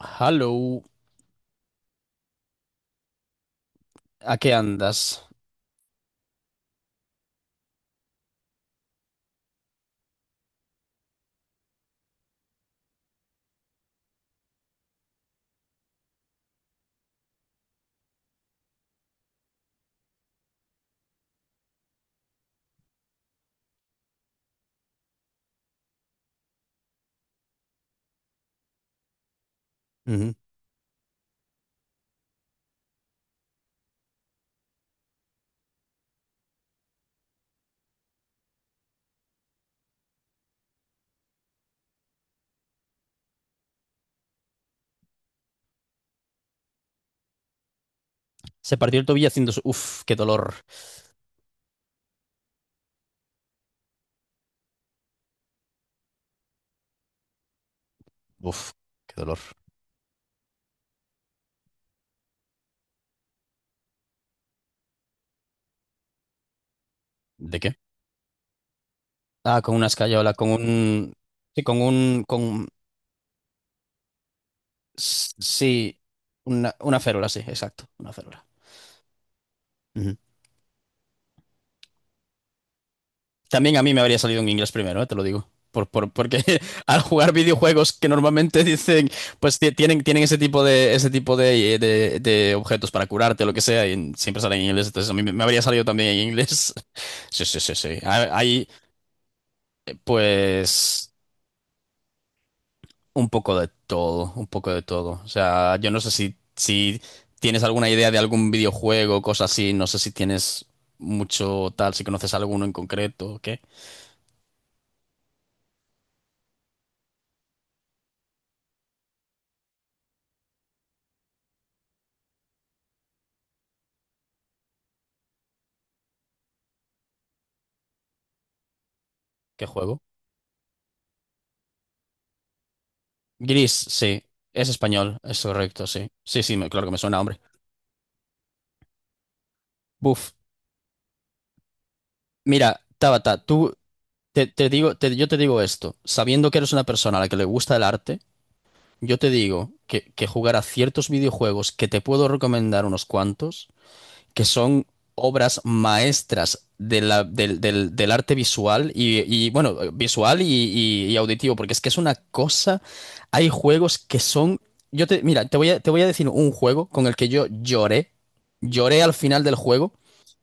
Hello, ¿a qué andas? Ujú. Se partió el tobillo haciendo... Uf, qué dolor. Uf, qué dolor. ¿De qué? Ah, con una escayola, con un... Sí, con un... Con... Sí, una férula, sí, exacto, una férula. Ujú. También a mí me habría salido en inglés primero, te lo digo. Porque al jugar videojuegos que normalmente dicen, pues tienen ese tipo de objetos para curarte, lo que sea, y siempre salen en inglés, entonces a mí me habría salido también en inglés. Sí, sí, sí, sí. Hay, pues un poco de todo, un poco de todo. O sea, yo no sé si tienes alguna idea de algún videojuego, cosa así, no sé si tienes mucho tal, si conoces alguno en concreto, ¿qué? ¿Qué juego? Gris, sí. Es español, es correcto, sí. Sí, sí, claro que me suena, hombre. Buf. Mira, Tabata, tú, yo te digo esto, sabiendo que eres una persona a la que le gusta el arte, yo te digo que jugar a ciertos videojuegos que te puedo recomendar unos cuantos. Que son obras maestras de la- del, del- del arte visual y, bueno, visual y auditivo, porque es que es una cosa, hay juegos que son, mira, te voy a decir un juego con el que yo lloré, lloré al final del juego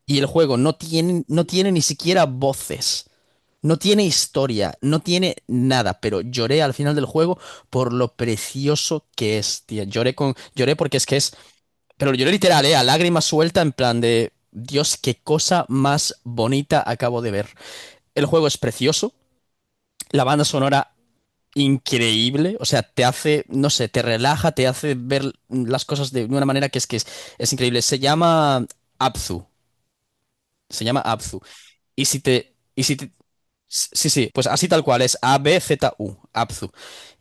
y el juego no tiene ni siquiera voces. No tiene historia, no tiene nada, pero lloré al final del juego por lo precioso que es, tía. Lloré porque es que es pero lo lloré literal, ¿eh? A lágrimas suelta, en plan de. Dios, qué cosa más bonita acabo de ver. El juego es precioso, la banda sonora increíble, o sea, te hace, no sé, te relaja, te hace ver las cosas de una manera que es que es increíble. Abzu, se llama Abzu. Y si te, sí, sí, pues así tal cual, es A-B-Z-U, Abzu.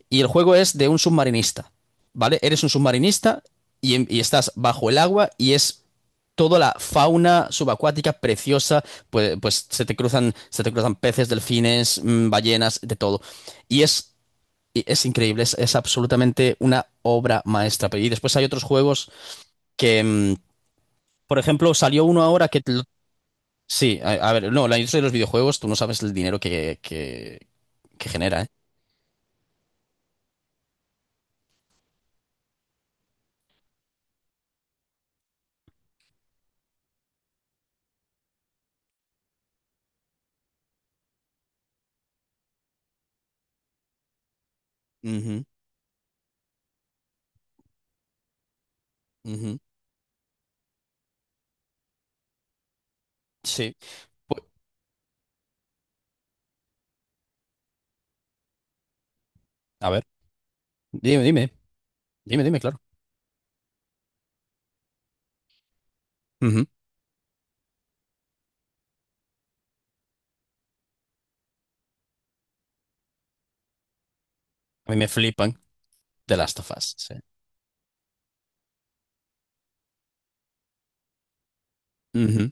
Y el juego es de un submarinista, ¿vale? Eres un submarinista y estás bajo el agua y es toda la fauna subacuática preciosa, pues se te cruzan peces, delfines, ballenas, de todo. Y es, y es increíble, es absolutamente una obra maestra. Y después hay otros juegos que, por ejemplo, salió uno ahora que... Sí, a ver, no, la industria de los videojuegos, tú no sabes el dinero que genera, ¿eh? Ujú, ujú. Sí. Pu- A ver. Dime, dime, dime, dime, claro. Ujú. A mí me flipan The Last of Us, sí. Ujú.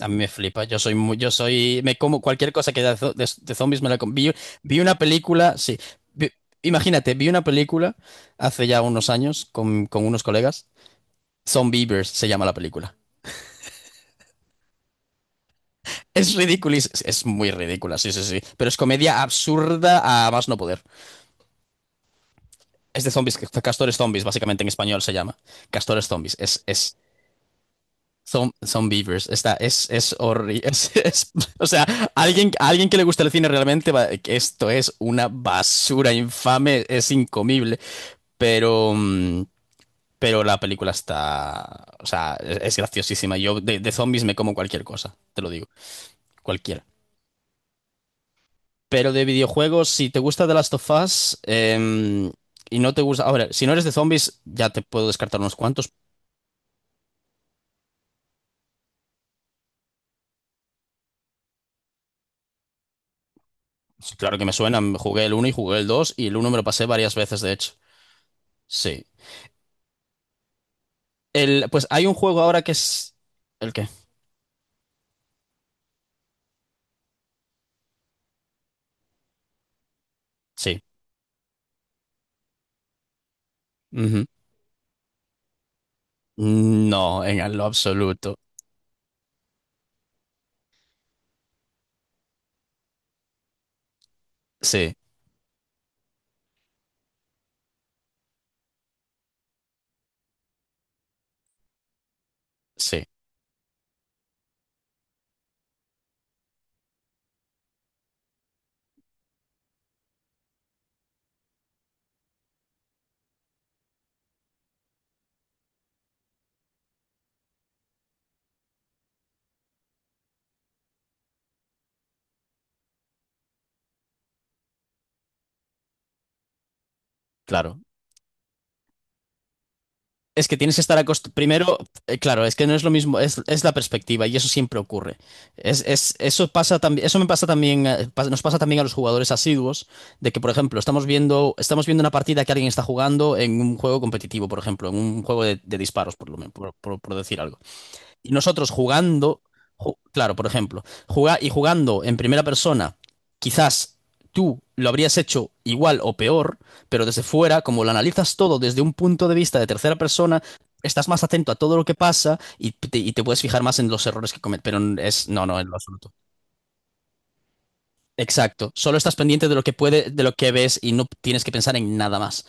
A mí me flipa. Yo soy muy, yo soy, me como cualquier cosa que haya de zombies me la como. Vi una película, sí. Vi- imagínate, vi una película hace ya unos años con unos colegas. Zombievers se llama la película. Es ridícula, y es muy ridícula, sí, sí, sí. Pero es comedia absurda a más no poder. Es de zombies, castores zombies, básicamente en español se llama. Castores zombies. Son Beavers. Es horrible. O sea, alguien que le gusta el cine realmente, que esto es una basura infame, es incomible. Pero, mm, pero la película está, o sea, es graciosísima. Yo de zombies me como cualquier cosa, te lo digo, cualquiera. Pero de videojuegos, si te gusta The Last of Us, y no te gusta, ahora, si no eres de zombies, ya te puedo descartar unos cuantos. Sí, claro que me suenan, jugué el uno y jugué el 2 y el uno me lo pasé varias veces, de hecho. Sí. Pues hay un juego ahora que es... ¿El qué? Sí. Ujú. No, en lo absoluto. Sí, sí, claro. Es que tienes que estar acostumbrado. Primero, claro, es que no es lo mismo, es la perspectiva y eso siempre ocurre. Eso pasa también, eso me pasa también, nos pasa también a los jugadores asiduos, de que, por ejemplo, estamos viendo una partida que alguien está jugando en un juego competitivo, por ejemplo, en un juego de disparos, por lo menos, por decir algo. Y nosotros jugando, claro, por ejemplo, jugar y jugando en primera persona, quizás tú lo habrías hecho igual o peor, pero desde fuera, como lo analizas todo desde un punto de vista de tercera persona, estás más atento a todo lo que pasa y te puedes fijar más en los errores que cometes, pero no, no, en lo absoluto. Exacto, solo estás pendiente de lo que puede, de lo que ves y no tienes que pensar en nada más.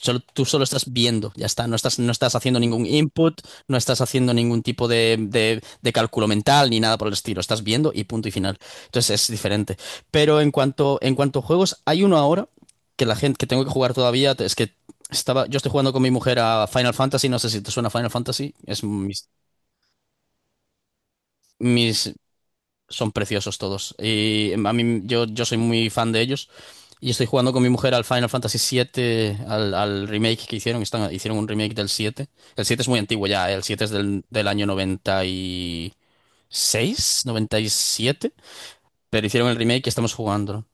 Tú solo estás viendo, ya está. No estás haciendo ningún input, no estás haciendo ningún tipo de cálculo mental ni nada por el estilo. Estás viendo y punto y final. Entonces es diferente. Pero en cuanto a juegos, hay uno ahora que la gente que tengo que jugar todavía. Es que yo estoy jugando con mi mujer a Final Fantasy. No sé si te suena Final Fantasy. Mis, son preciosos todos. Y a mí, yo soy muy fan de ellos. Y estoy jugando con mi mujer al Final Fantasy siete al remake que hicieron. Hicieron un remake del siete. El siete es muy antiguo ya, ¿eh? El 7 es del año noventa noventa y seis noventa y siete. Pero hicieron el remake y estamos jugando.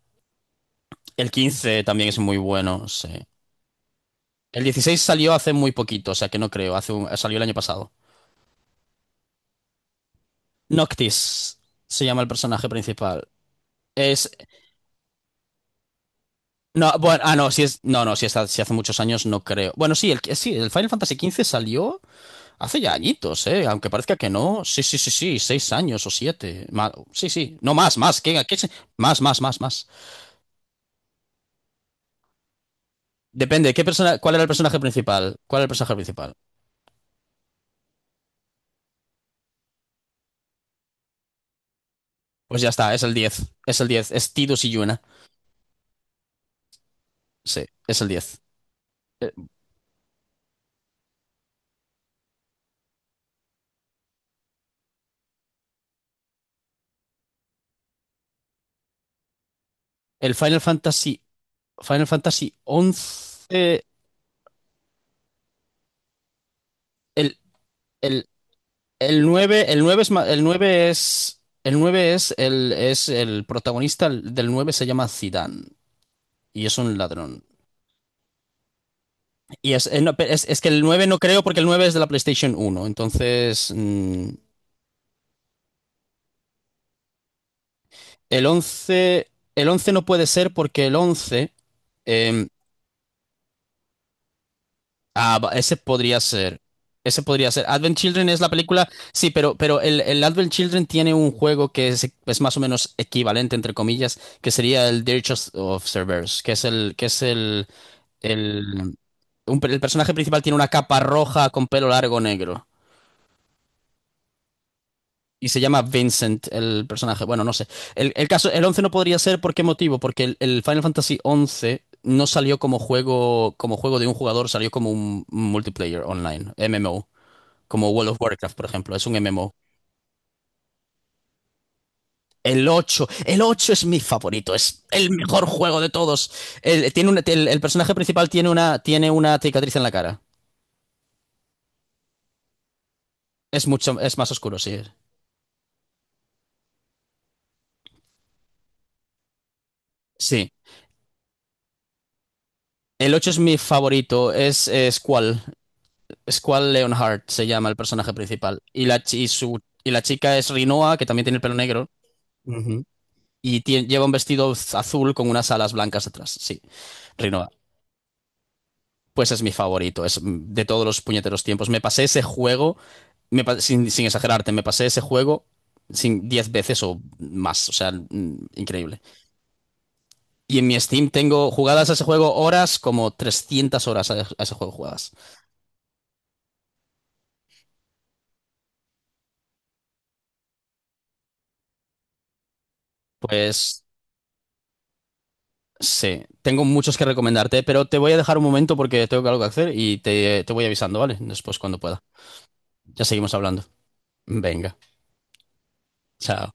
El 15 también es muy bueno, sí. El 16 salió hace muy poquito, o sea que no creo. Hace salió el año pasado. Noctis se llama el personaje principal. Es. No, bueno, ah, no, si es. No, no, si, está, si hace muchos años no creo. Bueno, sí, sí, el Final Fantasy quince salió. Hace ya añitos, ¿eh? Aunque parezca que no. Sí, sí, sí, sí, 6 años o 7. Sí, sí. No más, más. ¿Qué se- Más, más, más, más. Depende. ¿Qué persona... ¿Cuál era el personaje principal? ¿Cuál era el personaje principal? Pues ya está, es el diez. Es el diez. Es Tidus y Yuna. Sí, es el diez. Eh, El Final Fantasy. Final Fantasy once. El, el, el nueve. El 9 es. El 9 es. Es el protagonista del 9 se llama Zidane y es un ladrón. No, es que el 9 no creo porque el 9 es de la PlayStation uno. Entonces, el 11 el 11 no puede ser porque el 11 em, ese podría ser. Ese podría ser. Advent Children es la película, sí, pero el Advent Children tiene un juego que es más o menos equivalente, entre comillas, que sería el Dirge of Cerberus, que es el, el personaje principal tiene una capa roja con pelo largo negro. Y se llama Vincent el personaje. Bueno, no sé. El caso, el 11 no podría ser, ¿por qué motivo? Porque el Final Fantasy 11 no salió como juego de un jugador, salió como un multiplayer online, MMO, como World of Warcraft, por ejemplo, es un MMO. El ocho es mi favorito, es el mejor juego de todos. El personaje principal tiene una cicatriz en la cara. Es más oscuro, sí. Sí. El 8 es mi favorito, es cuál. Squall Leonhart se llama el personaje principal. Y la chica es Rinoa, que también tiene el pelo negro. Ujú. Lleva un vestido azul con unas alas blancas detrás. Sí, Rinoa. Pues es mi favorito, de todos los puñeteros tiempos. Me pasé ese juego, sin exagerarte, me pasé ese juego sin 10 veces o más, o sea, increíble. Y en mi Steam tengo jugadas a ese juego horas, como 300 horas a ese juego jugadas. Pues sí, tengo muchos que recomendarte, pero te voy a dejar un momento porque tengo algo que hacer y te voy avisando, ¿vale? Después cuando pueda. Ya seguimos hablando. Venga, chao.